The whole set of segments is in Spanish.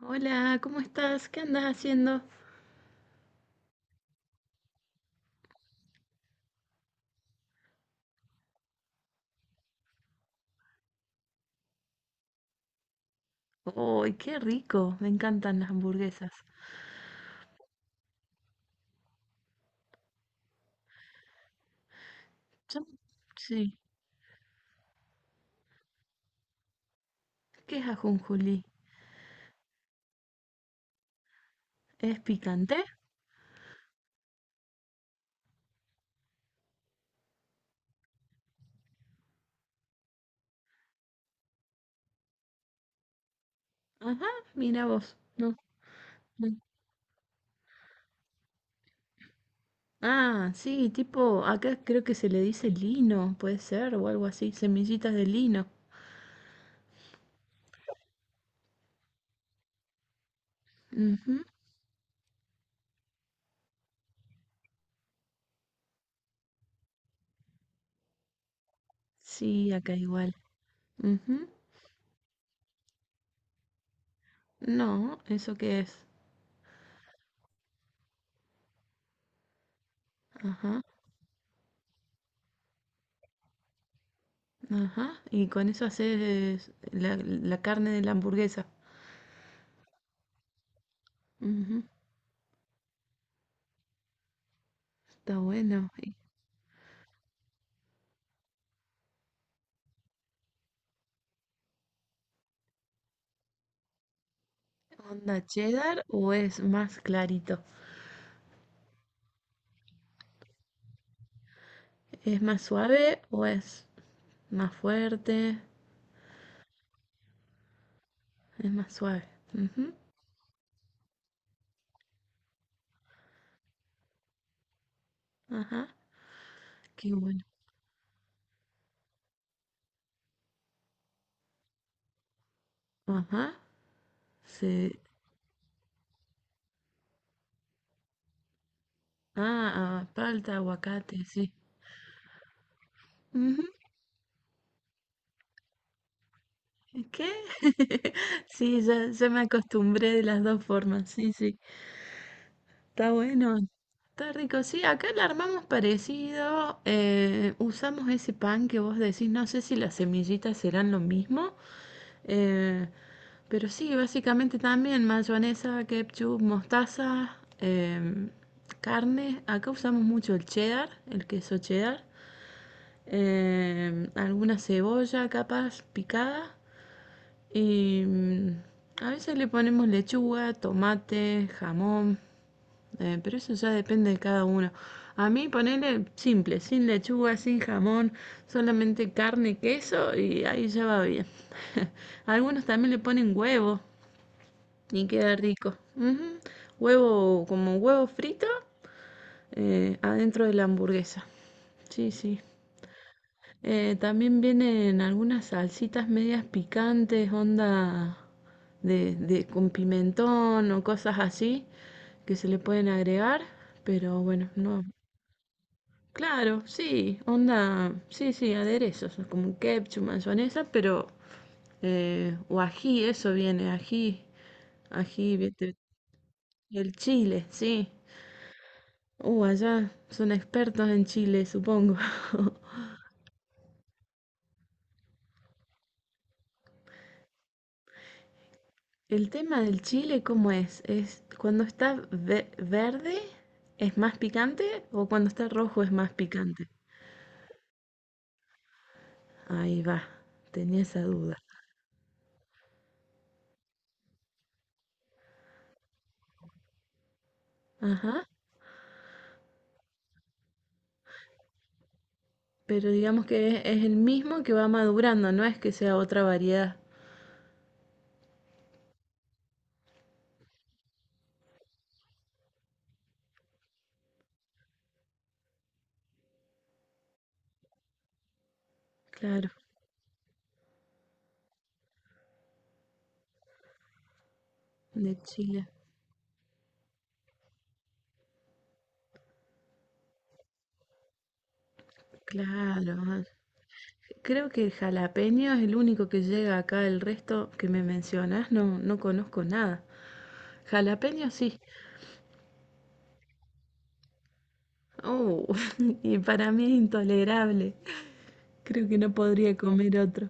Hola, ¿cómo estás? ¿Qué andas haciendo? ¡Uy, qué rico! Me encantan las hamburguesas. Yo- Sí. ¿Qué es ajonjolí? ¿Es picante? Ajá, mira vos. No, no. Ah, sí, tipo, acá creo que se le dice lino, puede ser, o algo así, semillitas de lino. Ujú. Sí, acá igual. Ujú. No, ¿eso qué es? Ajá, ajá. Y con eso haces la carne de la hamburguesa. Ujú, está bueno. ¿Onda cheddar o es más clarito? ¿Es más suave o es más fuerte? Es más suave. Ujú, ajá. Qué bueno. Ajá. Sí. Ah, ah, palta, aguacate, sí. Ujú, ¿qué? Sí, ya, ya me acostumbré de las dos formas. Sí, sí. Está bueno, está rico. Sí, acá la armamos parecido. Usamos ese pan que vos decís, no sé si las semillitas serán lo mismo. eh, pero sí, básicamente también mayonesa, ketchup, mostaza, carne. Acá usamos mucho el cheddar, el queso cheddar. Alguna cebolla capaz picada. Y a veces le ponemos lechuga, tomate, jamón, pero eso ya depende de cada uno. A mí ponerle simple, sin lechuga, sin jamón, solamente carne, queso y ahí ya va bien. Algunos también le ponen huevo y queda rico. Ujú. Huevo como huevo frito adentro de la hamburguesa. Sí, sí. También vienen algunas salsitas medias picantes, onda con pimentón o cosas así que se le pueden agregar, pero bueno, no. Claro, sí, onda, sí, sí, aderezos, como ketchup, mayonesa, pero o ají, eso viene, ají, ají, viste, el chile, sí. Allá son expertos en chile, supongo. El tema del chile, ¿cómo es? ¿Es cuando está verde es más picante o cuando está rojo es más picante? Ahí va, tenía esa duda. Ajá, pero digamos que es el mismo que va madurando, no es que sea otra variedad. Claro, de chile. Claro, ah, creo que el jalapeño es el único que llega acá, el resto que me mencionas no, no conozco nada. Jalapeño sí. Oh, y para mí es intolerable. Creo que no podría comer otro.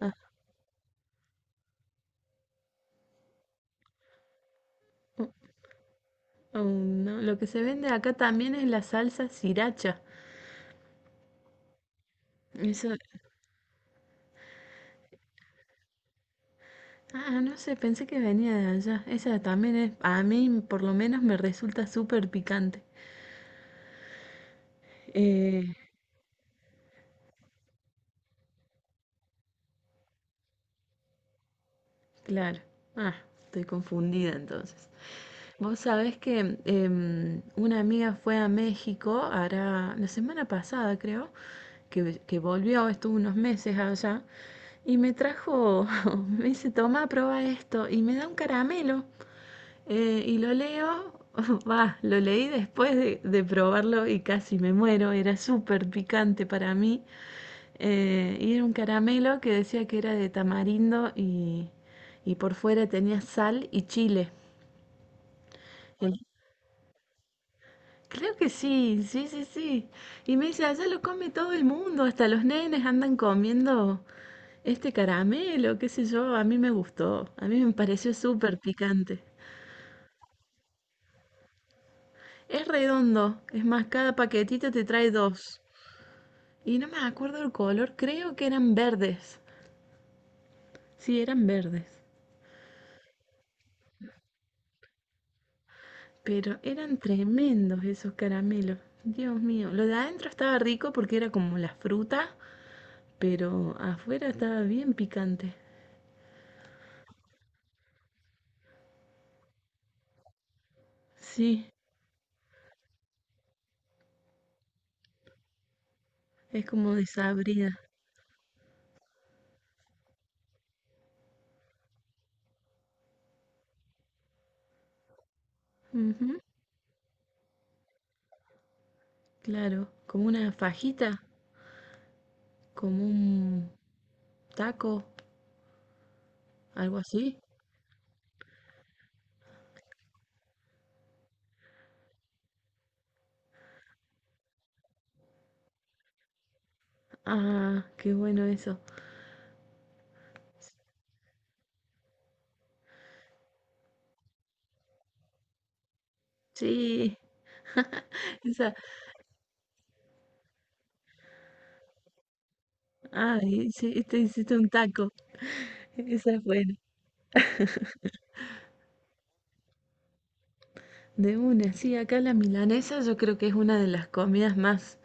Ah, oh, oh, no. Lo que se vende acá también es la salsa sriracha. Eso, ah, no sé, pensé que venía de allá. Esa también es, a mí por lo menos me resulta súper picante. Eh, claro. Ah, estoy confundida entonces. Vos sabés que una amiga fue a México, hará la semana pasada creo, que volvió, estuvo unos meses allá, y me trajo, me dice, toma, prueba esto, y me da un caramelo, y lo leo, va, lo leí después de probarlo y casi me muero, era súper picante para mí, y era un caramelo que decía que era de tamarindo y por fuera tenía sal y chile. Creo que sí, sí, sí, sí. Y me dice, allá lo come todo el mundo, hasta los nenes andan comiendo este caramelo, qué sé yo, a mí me gustó, a mí me pareció súper picante. Es redondo, es más, cada paquetito te trae dos. Y no me acuerdo el color, creo que eran verdes. Sí, eran verdes. Pero eran tremendos esos caramelos. Dios mío, lo de adentro estaba rico porque era como la fruta, pero afuera estaba bien picante. Sí, es como desabrida. Ujú, claro, como una fajita, como un taco, algo así. Ah, qué bueno eso. Sí, esa. Ah, sí, te hiciste un taco. Esa es buena. De una, sí, acá la milanesa yo creo que es una de las comidas más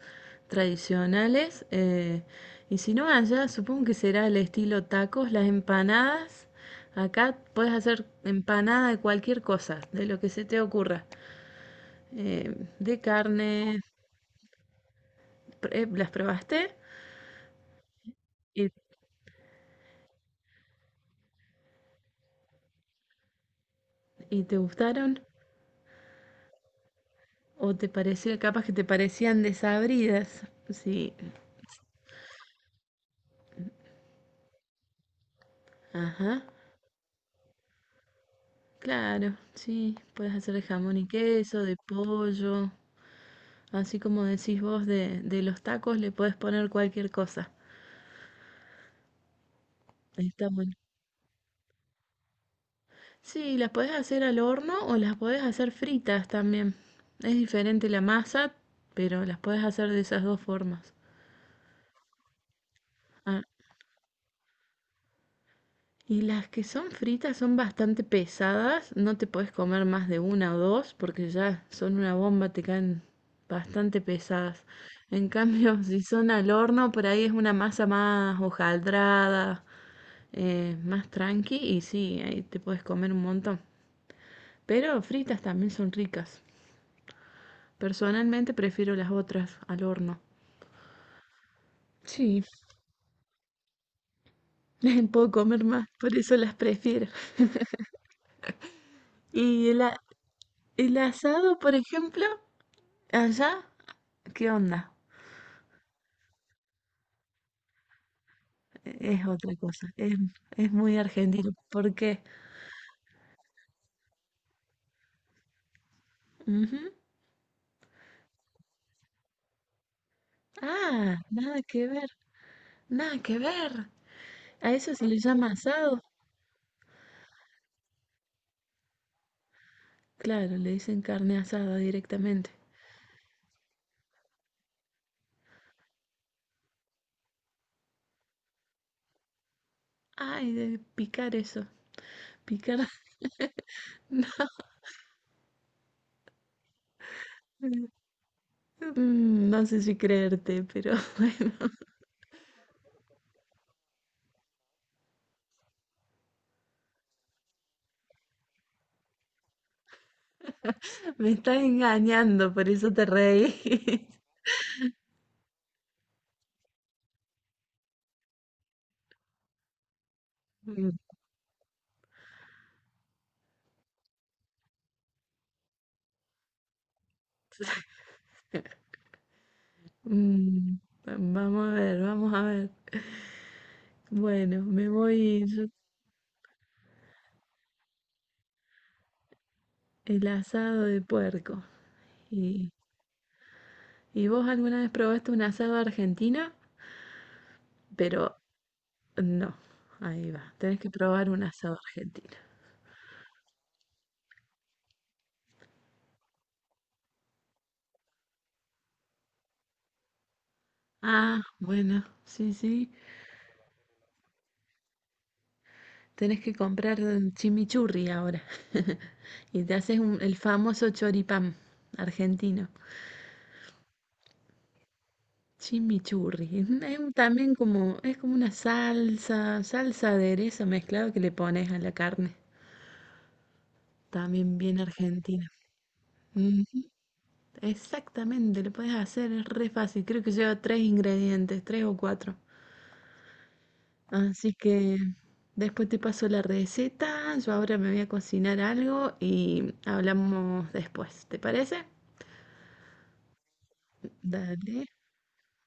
tradicionales. Y si no, allá supongo que será el estilo tacos, las empanadas. Acá puedes hacer empanada de cualquier cosa, de lo que se te ocurra. eh, de carne, ¿las probaste? ¿Y, y te gustaron? ¿O te pareció, capaz que te parecían desabridas? Sí, ajá, claro, sí, puedes hacer de jamón y queso, de pollo, así como decís vos de los tacos, le puedes poner cualquier cosa. Está bueno. Sí, las podés hacer al horno o las podés hacer fritas también. Es diferente la masa, pero las podés hacer de esas dos formas. Ah, y las que son fritas son bastante pesadas, no te puedes comer más de una o dos porque ya son una bomba, te caen bastante pesadas. En cambio, si son al horno, por ahí es una masa más hojaldrada, más tranqui y sí, ahí te puedes comer un montón. Pero fritas también son ricas. Personalmente prefiero las otras al horno. Sí, puedo comer más, por eso las prefiero. Y el asado, por ejemplo, allá. ¿Qué onda? Es otra cosa, es muy argentino. ¿Por qué? Ujú. Ah, nada que ver, nada que ver. A eso se le llama asado. Claro, le dicen carne asada directamente. Ay, de picar eso, picar. No, no sé si creerte, pero bueno, me estás engañando, por eso te reí. Mm, mm, vamos a ver, vamos a ver. Bueno, el asado de puerco. ¿Y, y vos alguna vez probaste un asado argentino? Pero no, ahí va. Tenés que probar un asado argentino. Ah, bueno, sí, sí. Tenés que comprar chimichurri ahora. Y te haces el famoso choripán argentino. Chimichurri. También como, es como una salsa, salsa aderezo mezclado que le pones a la carne. También bien argentina. Exactamente, lo puedes hacer, es re fácil. Creo que lleva tres ingredientes, tres o cuatro. Así que después te paso la receta. Yo ahora me voy a cocinar algo y hablamos después. ¿Te parece? Dale,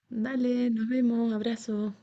dale, nos vemos, abrazo.